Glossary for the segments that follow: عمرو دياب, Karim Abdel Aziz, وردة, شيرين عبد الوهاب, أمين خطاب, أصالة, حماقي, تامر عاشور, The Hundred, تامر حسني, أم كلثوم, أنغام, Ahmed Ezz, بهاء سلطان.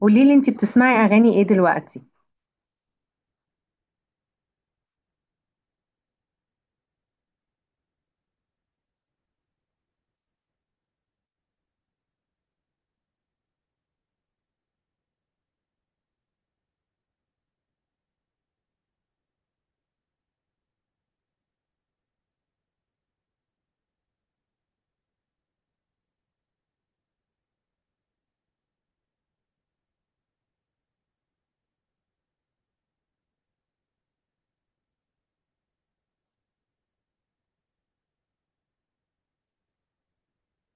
قولي لي انتي بتسمعي اغاني ايه دلوقتي؟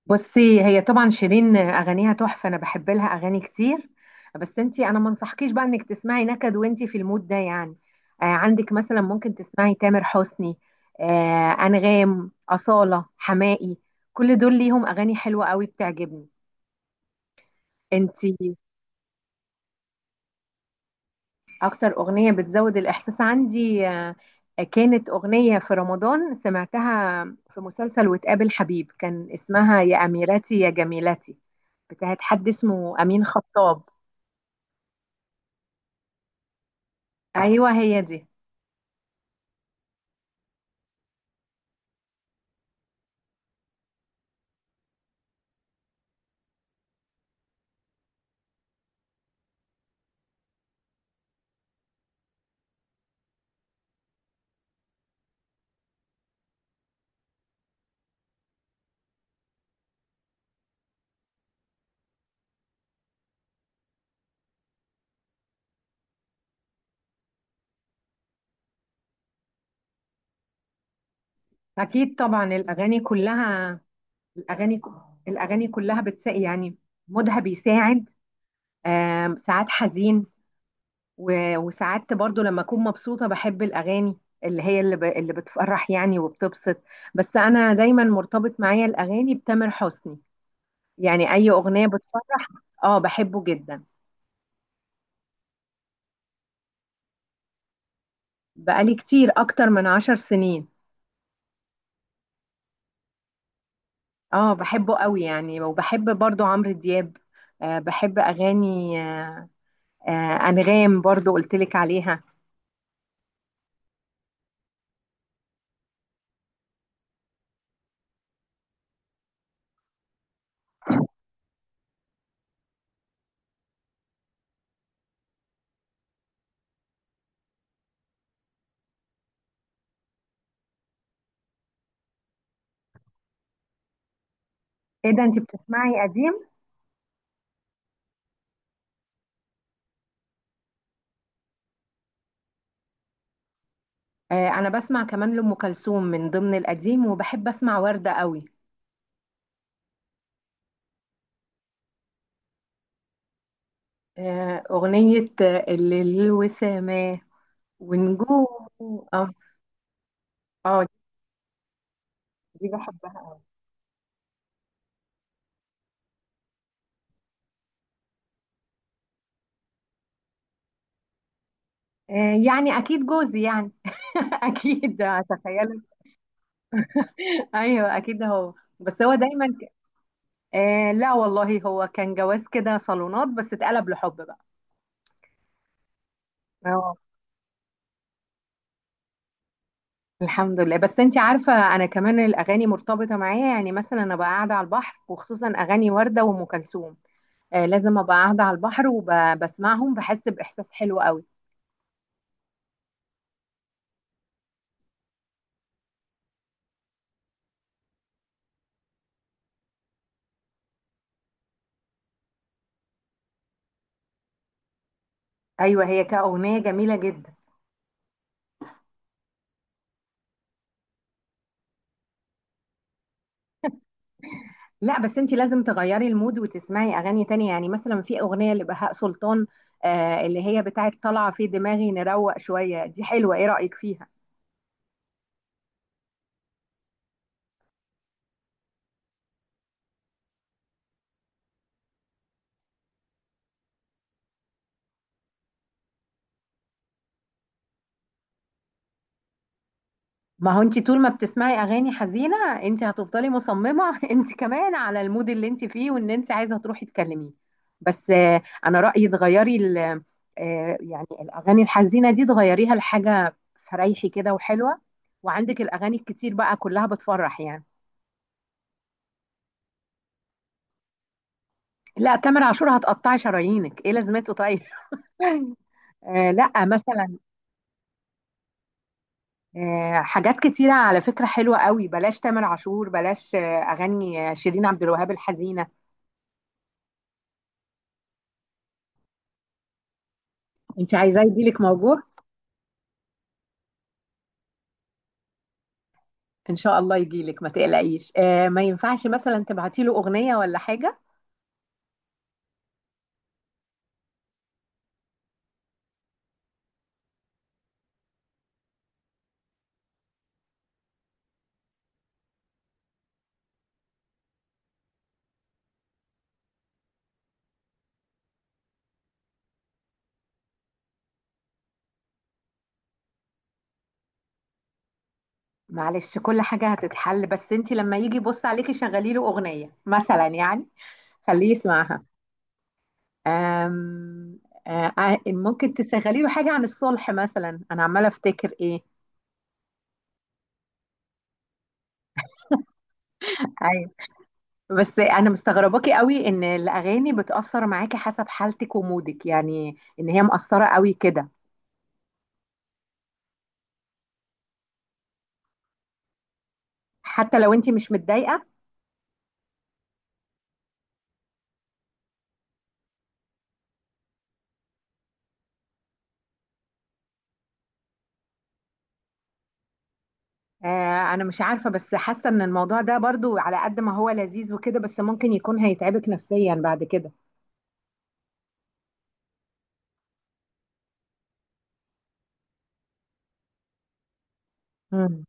بصي، هي طبعا شيرين اغانيها تحفه، انا بحب لها اغاني كتير. بس انتي انا ما انصحكيش بقى انك تسمعي نكد وانتي في المود ده يعني. آه، عندك مثلا ممكن تسمعي تامر حسني، آه، انغام، اصاله، حماقي. كل دول ليهم اغاني حلوه قوي بتعجبني. انتي اكتر اغنيه بتزود الاحساس عندي، كانت اغنيه في رمضان سمعتها في مسلسل وتقابل حبيب، كان اسمها يا اميرتي يا جميلتي، بتاعت حد اسمه امين خطاب. ايوه هي دي. اكيد طبعا الاغاني كلها، الاغاني الاغاني كلها بتساعد يعني، مودها بيساعد. ساعات حزين، وساعات برضو لما اكون مبسوطة بحب الاغاني اللي اللي بتفرح يعني وبتبسط. بس انا دايما مرتبط معايا الاغاني بتامر حسني، يعني اي اغنية بتفرح. اه، بحبه جدا. بقالي كتير، اكتر من 10 سنين. اه بحبه قوي يعني، وبحب برضو عمرو دياب. بحب اغاني، آه انغام برضو قلتلك عليها. ايه ده انت بتسمعي قديم؟ آه انا بسمع كمان لام كلثوم من ضمن القديم، وبحب اسمع وردة قوي. أغنية اللي الوسامة ونجوم. اه. اه دي بحبها قوي. آه، يعني أكيد جوزي يعني. أكيد أتخيل. أيوه أكيد هو، بس هو دايما ك... آه لا والله هو كان جواز كده صالونات بس اتقلب لحب بقى. اه. الحمد لله. بس انت عارفة انا كمان الاغاني مرتبطة معايا، يعني مثلا انا بقى قاعدة على البحر وخصوصا اغاني وردة وام كلثوم، آه لازم ابقى قاعدة على البحر وبسمعهم بحس باحساس حلو قوي. ايوه هي كأغنية جميلة جدا. لا بس انت لازم تغيري المود وتسمعي اغاني تانية، يعني مثلا في اغنية لبهاء سلطان، آه، اللي هي بتاعت طالعة في دماغي نروق شوية، دي حلوة، ايه رأيك فيها؟ ما هو انت طول ما بتسمعي اغاني حزينة، انت هتفضلي مصممة. انت كمان على المود اللي انت فيه وان انت عايزة تروحي تكلميه. بس انا رأيي تغيري آه يعني الاغاني الحزينة دي تغيريها لحاجة فريحي كده وحلوة، وعندك الاغاني الكتير بقى كلها بتفرح يعني. لا تامر عاشور هتقطعي شرايينك، ايه لازمته طيب؟ آه لا مثلا آه، حاجات كتيرة على فكرة حلوة قوي. بلاش تامر عاشور، بلاش آه أغاني آه، شيرين عبد الوهاب الحزينة. انت عايزاه يجيلك موجوع؟ ان شاء الله يجيلك ما تقلقيش. آه، ما ينفعش مثلا تبعتي له أغنية ولا حاجة؟ معلش كل حاجة هتتحل، بس انت لما يجي يبص عليكي شغلي له أغنية مثلا يعني، خليه يسمعها. آم آه آه، ممكن تشغلي له حاجة عن الصلح مثلا، أنا عمالة أفتكر إيه. ايوه. بس انا مستغرباكي قوي ان الاغاني بتاثر معاكي حسب حالتك ومودك، يعني ان هي مأثره قوي كده حتى لو انت مش متضايقه. آه انا مش عارفه، بس حاسه ان الموضوع ده برضو على قد ما هو لذيذ وكده، بس ممكن يكون هيتعبك نفسيا بعد كده. مم.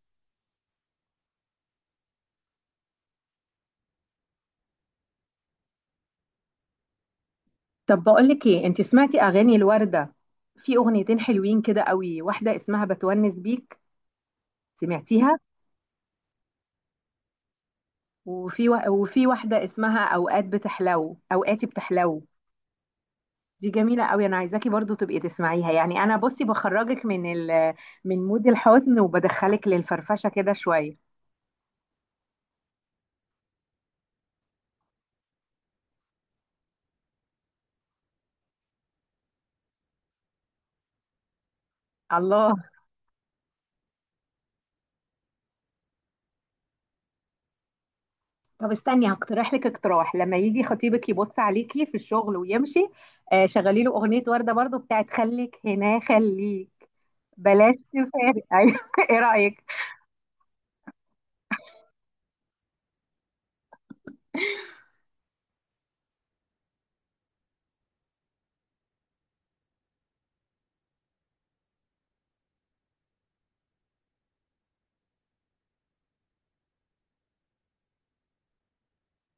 طب بقول لك ايه، انت سمعتي اغاني الورده؟ في اغنيتين حلوين كده قوي، واحده اسمها بتونس بيك، سمعتيها؟ وفي واحده اسمها اوقات بتحلو، اوقاتي بتحلو، دي جميلة قوي. انا عايزاكي برضو تبقي تسمعيها، يعني انا بصي بخرجك من من مود الحزن وبدخلك للفرفشة كده شوية. الله. طب استني هقترح لك اقتراح، لما يجي خطيبك يبص عليكي في الشغل ويمشي، آه شغلي له اغنية وردة برضو بتاعت خليك هنا خليك بلاش تفارق. ايوه، ايه رأيك؟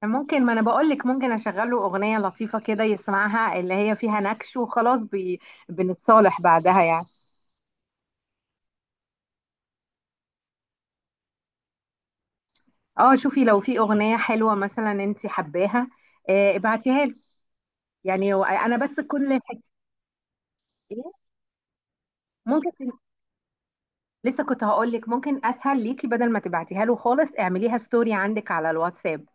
ممكن، ما انا بقول لك ممكن اشغل له اغنية لطيفة كده يسمعها، اللي هي فيها نكش وخلاص بنتصالح بعدها يعني. اه شوفي لو في اغنيه حلوه مثلا انت حباها، آه، ابعتيها لي، يعني انا بس كل الحكايه. ممكن ت- لسه كنت هقول لك ممكن اسهل ليكي، بدل ما تبعتيها له خالص اعمليها ستوري عندك على الواتساب.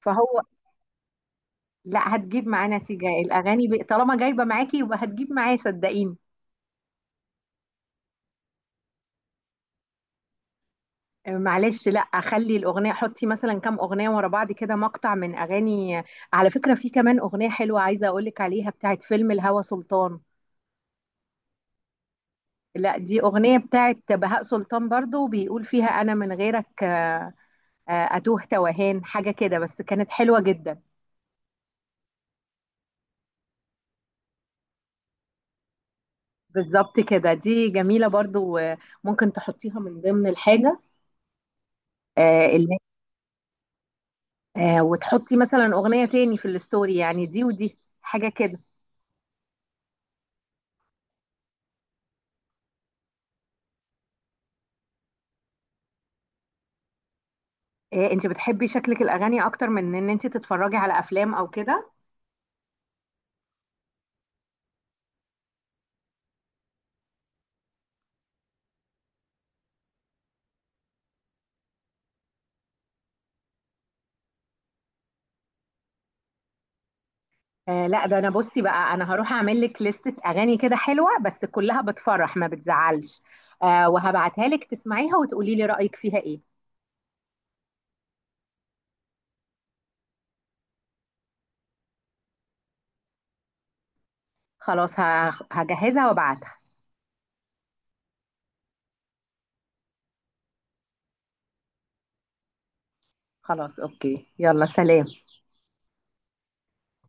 فهو، لا هتجيب معاه نتيجه الاغاني طالما جايبه معاكي يبقى هتجيب معاه صدقيني. آه، معلش لا خلي الاغنيه، حطي مثلا كام اغنيه ورا بعض كده مقطع من اغاني. على فكره في كمان اغنيه حلوه عايزه اقول لك عليها بتاعت فيلم الهوى سلطان. لا دي أغنية بتاعت بهاء سلطان برضو بيقول فيها أنا من غيرك، آه، أتوه توهان حاجة كده، بس كانت حلوة جدا. بالظبط كده، دي جميلة برضو، آه، ممكن تحطيها من ضمن الحاجة آه، اللي آه، وتحطي مثلا أغنية تاني في الستوري يعني، دي ودي حاجة كده. آه، انت بتحبي شكلك الأغاني أكتر من إن انت تتفرجي على أفلام أو كده. آه لا ده انا بصي بقى انا هروح اعمل لك لستة اغاني كده حلوة بس كلها بتفرح ما بتزعلش، آه وهبعتها لك تسمعيها وتقولي لي رأيك فيها ايه. خلاص هجهزها وابعتها. خلاص اوكي، يلا سلام.